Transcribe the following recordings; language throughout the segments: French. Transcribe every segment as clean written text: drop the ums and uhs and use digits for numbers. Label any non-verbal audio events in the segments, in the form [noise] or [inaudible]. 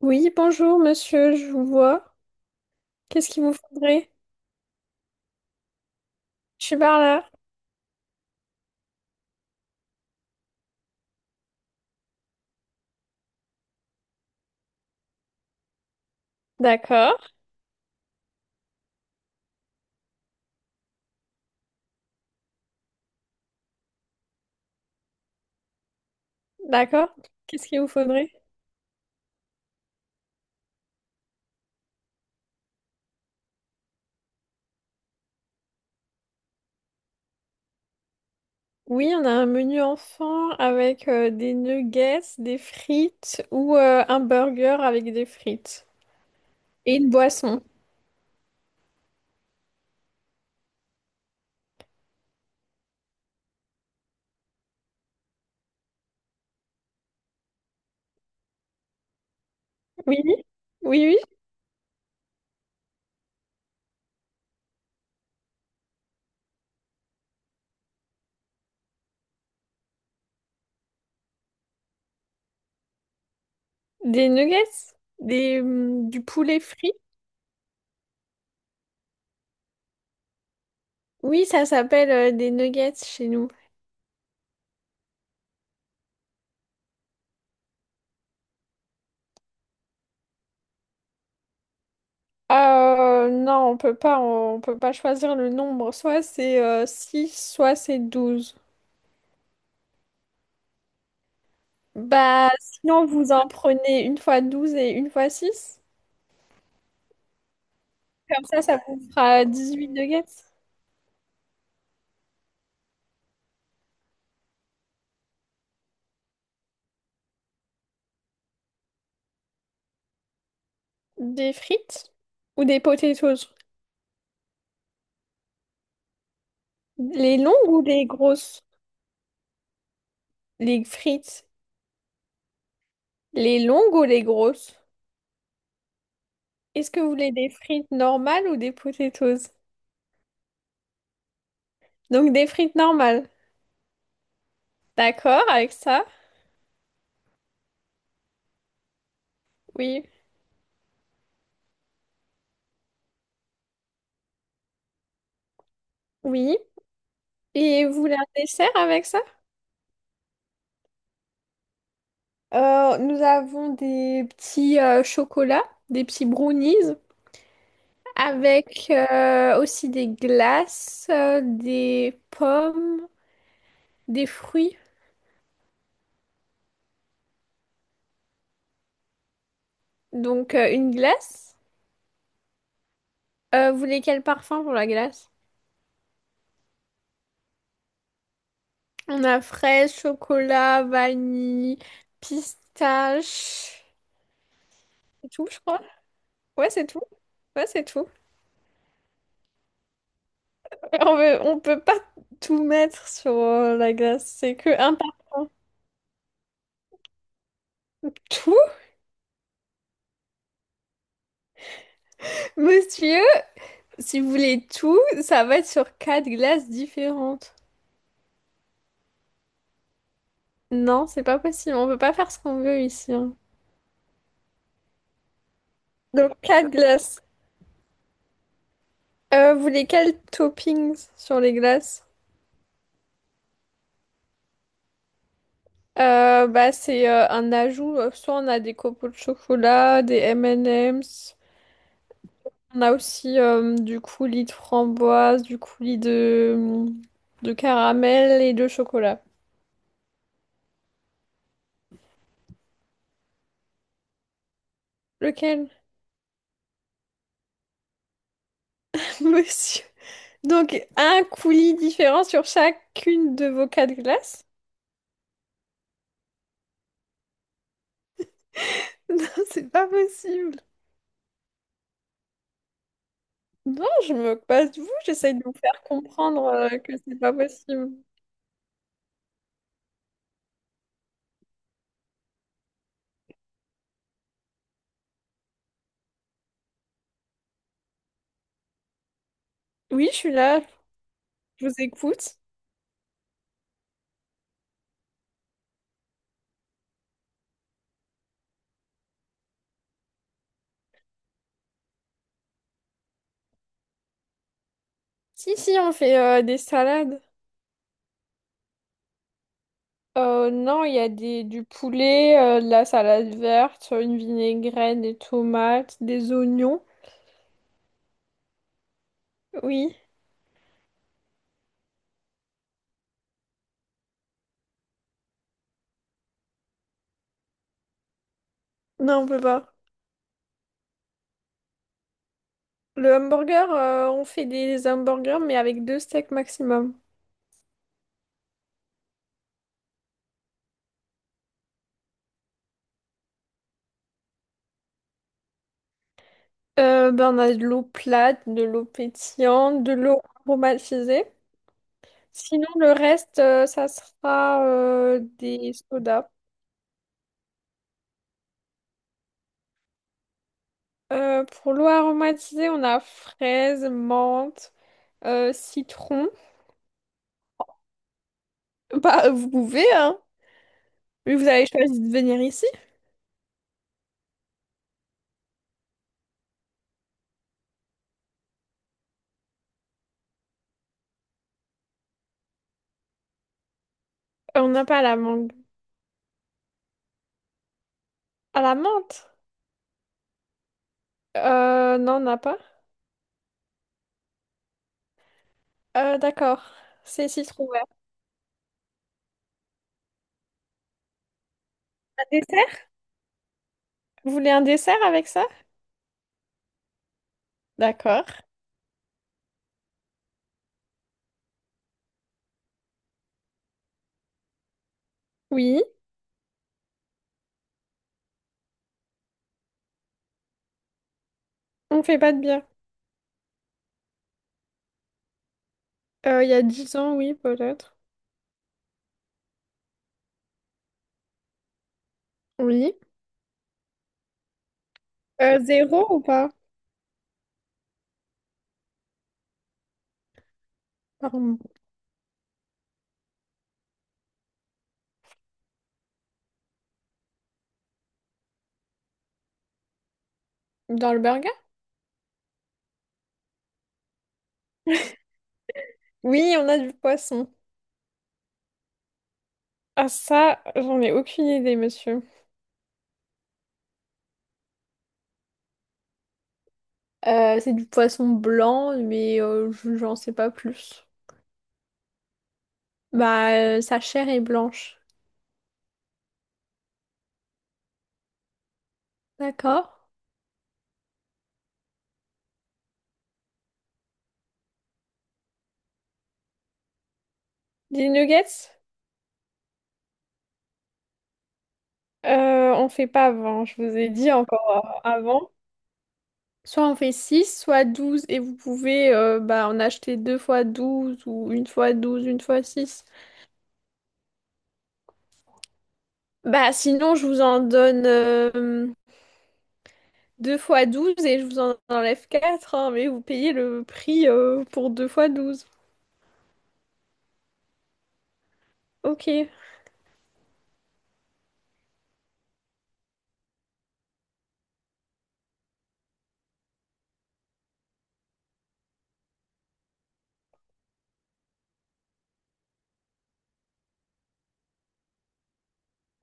Oui, bonjour monsieur, je vous vois. Qu'est-ce qu'il vous faudrait? Je suis par là. D'accord, d'accord. Qu'est-ce qu'il vous faudrait? Oui, on a un menu enfant avec des nuggets, des frites ou un burger avec des frites. Et une boisson. Oui, oui, oui. Des nuggets? Des, du poulet frit? Oui, ça s'appelle des nuggets chez nous. Non, on peut pas, on peut pas choisir le nombre. Soit c'est six, soit c'est douze. Bah, sinon, vous en prenez une fois 12 et une fois six. Comme ça vous fera 18 nuggets. Des frites ou des potatoes? Les longues ou les grosses? Les frites. Les longues ou les grosses? Est-ce que vous voulez des frites normales ou des potatoes? Donc, des frites normales. D'accord avec ça? Oui. Oui. Et vous voulez un dessert avec ça? Nous avons des petits chocolats, des petits brownies. Avec aussi des glaces, des pommes, des fruits. Donc une glace. Vous voulez quel parfum pour la glace? On a fraise, chocolat, vanille, pistache. C'est tout, je crois. Ouais, c'est tout. Ouais, c'est tout. [laughs] On peut pas tout mettre sur la glace. C'est que un parfum. Tout, monsieur, si vous voulez tout, ça va être sur quatre glaces différentes. Non, c'est pas possible. On peut pas faire ce qu'on veut ici, hein. Donc, quatre glaces. Vous voulez quels toppings sur les glaces? Bah, c'est un ajout. Soit on a des copeaux de chocolat, des M&M's. On a aussi du coulis de framboise, du coulis de caramel et de chocolat. Lequel, [laughs] monsieur? Donc, un coulis différent sur chacune de vos quatre glaces? [laughs] Non, c'est pas possible. Non, je me moque pas de vous, j'essaye de vous faire comprendre que c'est pas possible. Oui, je suis là, je vous écoute. Si, si, on fait des salades. Non, il y a des, du poulet, de la salade verte, une vinaigrette, des tomates, des oignons. Oui. Non, on peut pas. Le hamburger, on fait des hamburgers, mais avec deux steaks maximum. Ben, on a de l'eau plate, de l'eau pétillante, de l'eau aromatisée. Sinon, le reste, ça sera des sodas. Pour l'eau aromatisée, on a fraise, menthe, citron. Bah, vous pouvez, hein. Mais vous avez choisi de venir ici. On n'a pas la mangue. À la menthe? Non, on n'a pas. D'accord. C'est citron vert. Un dessert? Vous voulez un dessert avec ça? D'accord. Oui. On fait pas de bière. Il y a 10 ans, oui, peut-être. Oui. Zéro ou pas? Pardon. Dans le burger? Oui, on a du poisson. Ah ça, j'en ai aucune idée, monsieur. C'est du poisson blanc, mais j'en sais pas plus. Bah, sa chair est blanche. D'accord. Des nuggets? On fait pas avant, je vous ai dit encore avant. Soit on fait 6, soit 12, et vous pouvez en acheter deux fois 12 ou une fois 12, une fois 6. Bah, sinon, je vous en donne deux fois 12 et je vous en enlève 4, hein, mais vous payez le prix pour deux fois douze. Ok.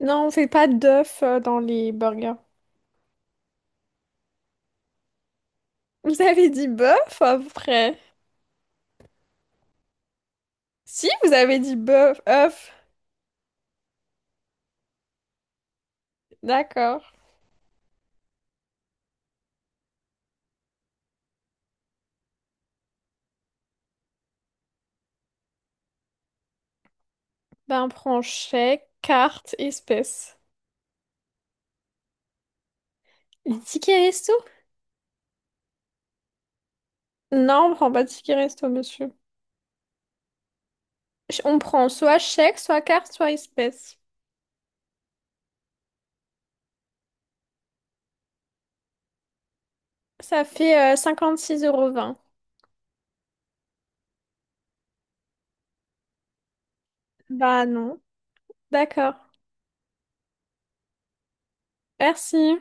Non, on fait pas d'œufs dans les burgers. Vous avez dit bœuf après? Si, vous avez dit bœuf, œuf. D'accord. Ben, on prend chèque, carte, espèce. Les tickets resto? Non, on prend pas de ticket resto, monsieur. On prend soit chèque, soit carte, soit espèce. Ça fait 6 euros vingt. Bah non. D'accord. Merci.